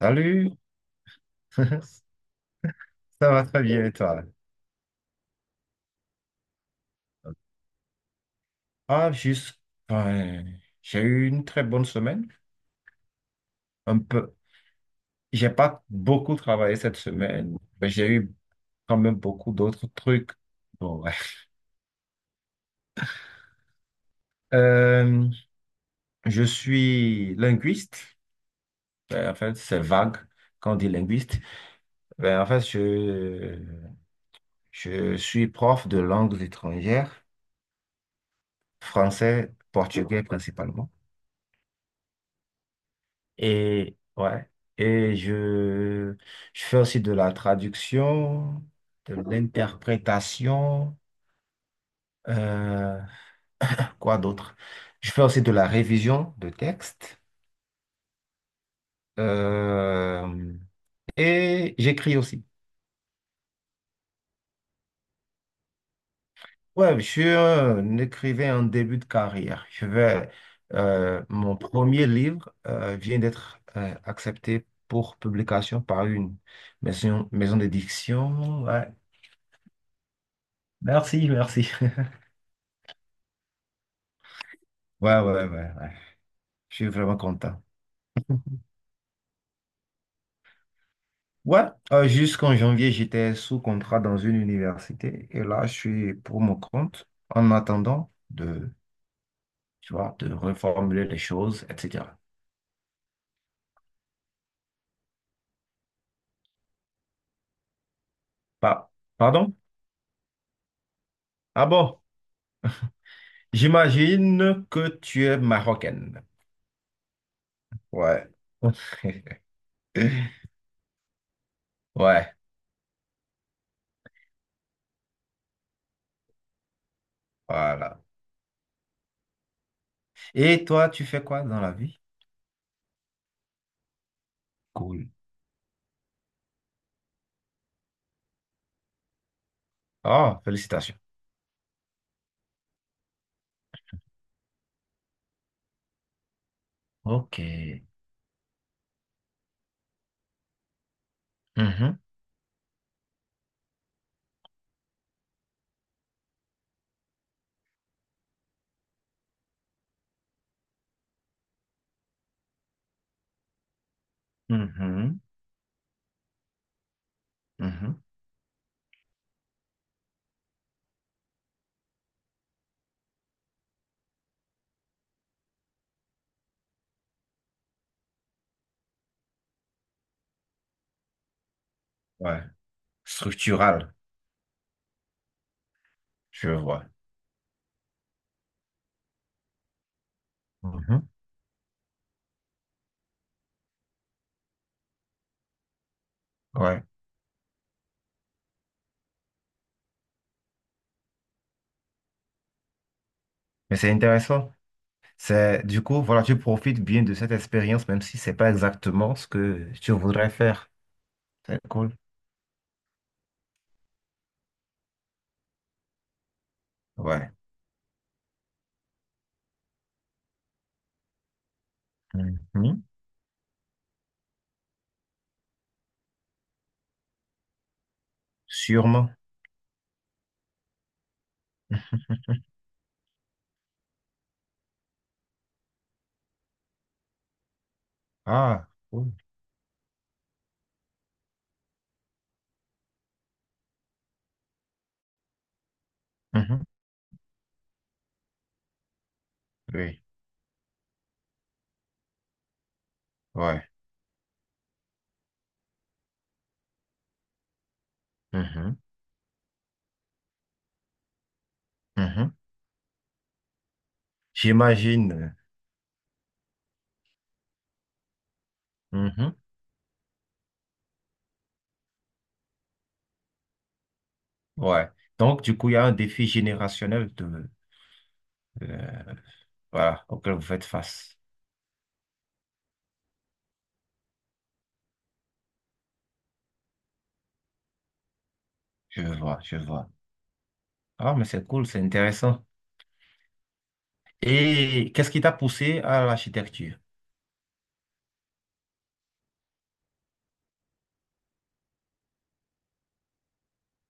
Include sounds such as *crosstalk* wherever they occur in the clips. Salut, *laughs* ça va très bien et toi? Ah, juste, ben, j'ai eu une très bonne semaine. Un peu, j'ai pas beaucoup travaillé cette semaine, mais j'ai eu quand même beaucoup d'autres trucs. Bon, ouais. Euh, je suis linguiste. Ben, en fait, c'est vague quand on dit linguiste. Ben, en fait, je suis prof de langues étrangères, français, portugais principalement. Et ouais, et je fais aussi de la traduction, de l'interprétation. euh, quoi d'autre? Je fais aussi de la révision de texte, euh, et j'écris aussi. Ouais, je suis un écrivain en début de carrière. Mon premier livre, vient d'être, accepté pour publication par une maison d'édition. Ouais. Merci, merci. *laughs* Ouais, ouais, ouais, ouais. Je suis vraiment content. Ouais, jusqu'en janvier, j'étais sous contrat dans une université et là, je suis pour mon compte en attendant de, tu vois, de reformuler les choses, etc. Pa- Pardon? Ah bon? J'imagine que tu es marocaine. Ouais. *laughs* Ouais, voilà. Et toi, tu fais quoi dans la vie? Cool. Oh, félicitations. OK. Mhm, mhm, mhm. Ouais. Structural, je vois. Mhm. Ouais, mais c'est intéressant. C'est du coup, voilà, tu profites bien de cette expérience, même si c'est pas exactement ce que tu voudrais faire. C'est cool. Ouais. Mhm. Sûrement. Ah, cool. Mhm. Oui, ouais. Mhm. Mhm. J'imagine. Mhm. Ouais. Donc, du coup, il y a un défi générationnel de, euh, voilà, auquel vous faites face. Je vois, je vois. Ah, mais c'est cool, c'est intéressant. Et qu'est-ce qui t'a poussé à l'architecture?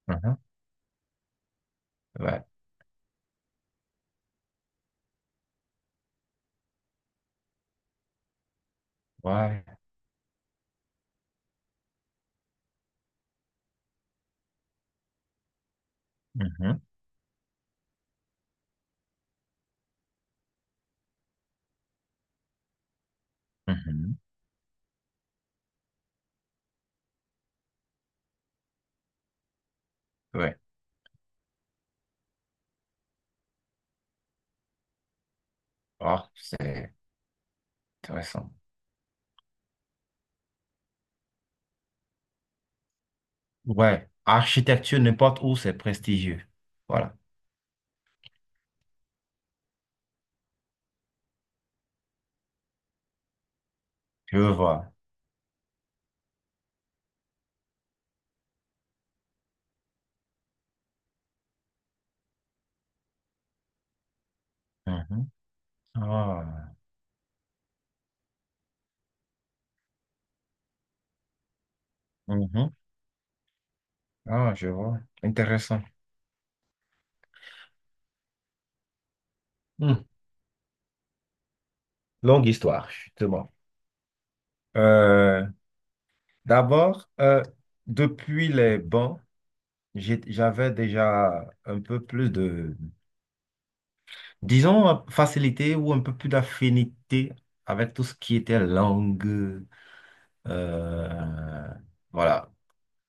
Mhm. Ouais. Ouais. Mhm, mhm. Ouais. Ah, c'est intéressant. Ouais. Architecture, n'importe où, c'est prestigieux. Voilà. Je vois. Mhm. Ah. Mhm. Ah, je vois. Intéressant. Hmm. Longue histoire, justement. Euh, D'abord, depuis les bancs, j'avais déjà un peu plus de, disons, facilité ou un peu plus d'affinité avec tout ce qui était langue. euh, voilà.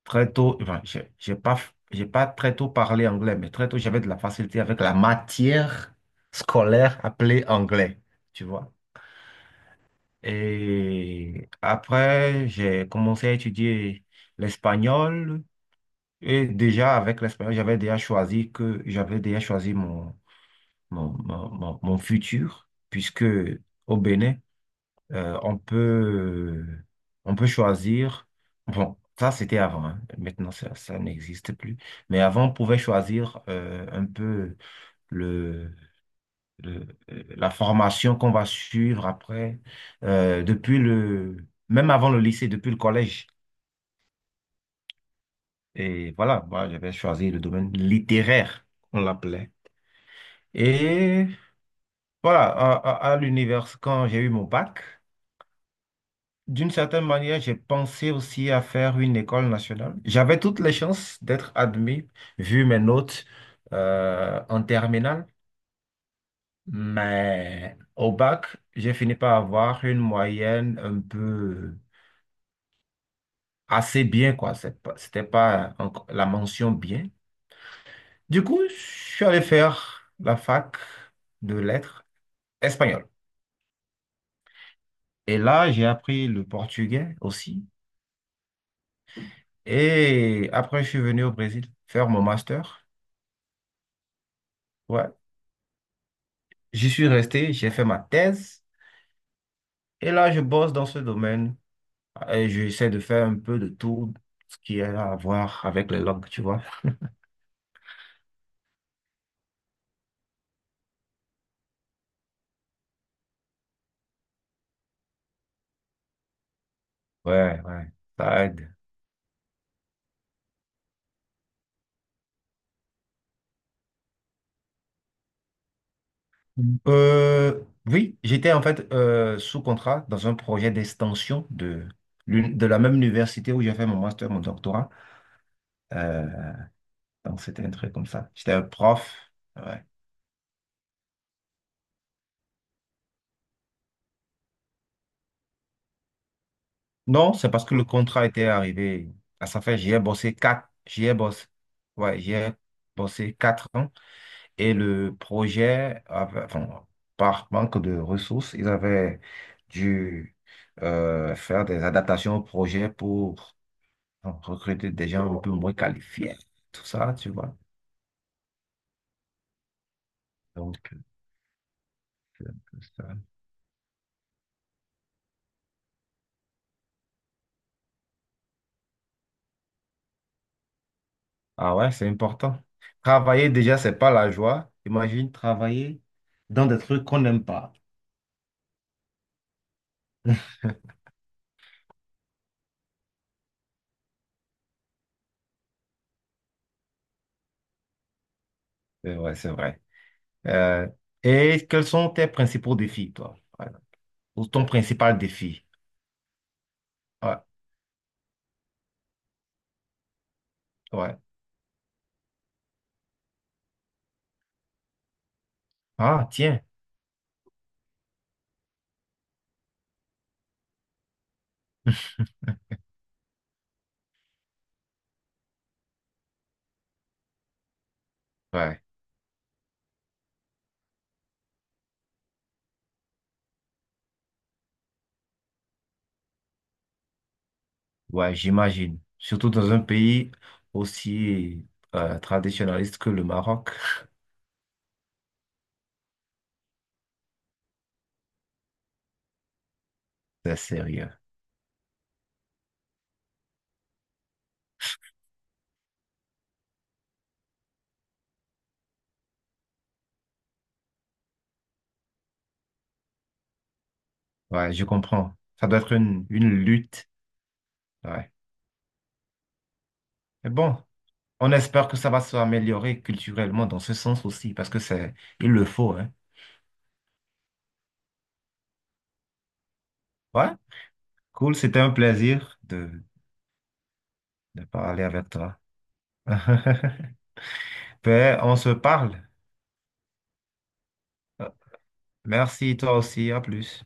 Très tôt, enfin, j'ai pas très tôt parlé anglais, mais très tôt, j'avais de la facilité avec la matière scolaire appelée anglais, tu vois. Et après, j'ai commencé à étudier l'espagnol. Et déjà, avec l'espagnol, j'avais déjà choisi mon futur, puisque au Bénin, euh, on peut, on peut choisir. Bon, ça c'était avant, hein. Maintenant ça, ça n'existe plus. Mais avant, on pouvait choisir un peu le, la formation qu'on va suivre après, même avant le lycée, depuis le collège. Et voilà, moi j'avais choisi le domaine littéraire, on l'appelait. Et voilà, à l'univers, quand j'ai eu mon bac. D'une certaine manière, j'ai pensé aussi à faire une école nationale. J'avais toutes les chances d'être admis, vu mes notes en terminale, mais au bac, j'ai fini par avoir une moyenne un peu assez bien, quoi. C'était pas encore la mention bien. Du coup, je suis allé faire la fac de lettres espagnole. Et là, j'ai appris le portugais aussi. Et après, je suis venu au Brésil faire mon master. Ouais. J'y suis resté, j'ai fait ma thèse et là, je bosse dans ce domaine. Et j'essaie de faire un peu de tout ce qui a à voir avec les langues, tu vois. Ouais, ouais, ça aide. Mm. Oui, j'étais en fait sous contrat dans un projet d'extension de, de la même université où j'ai fait mon master, mon doctorat. Euh, donc, c'était un truc comme ça. J'étais un prof. Ouais. Non, c'est parce que le contrat était arrivé à sa fin. J'y ai bossé quatre. J'y ai bossé. Ouais, j'y ai bossé quatre ans. Et le projet, enfin, par manque de ressources, ils avaient dû faire des adaptations au projet pour enfin, recruter des gens un peu moins qualifiés. Tout ça, tu vois. Donc, euh, ça- ah, ouais, c'est important. Travailler déjà, c'est pas la joie. Imagine travailler dans des trucs qu'on n'aime pas. C'est vrai, c'est vrai. Euh, et quels sont tes principaux défis, toi? Voilà. Ou ton principal défi? Ouais, ouais. Ah, tiens. Ouais. Ouais, j'imagine. Surtout dans un pays aussi traditionnaliste que le Maroc. C'est sérieux. Ouais, je comprends. Ça doit être une lutte. Ouais. Mais bon, on espère que ça va s'améliorer culturellement dans ce sens aussi, parce que c'est, il le faut, hein. Ouais, cool, c'était un plaisir de, parler avec toi. *laughs* Ben, on se parle. Euh, Merci, toi aussi, à plus.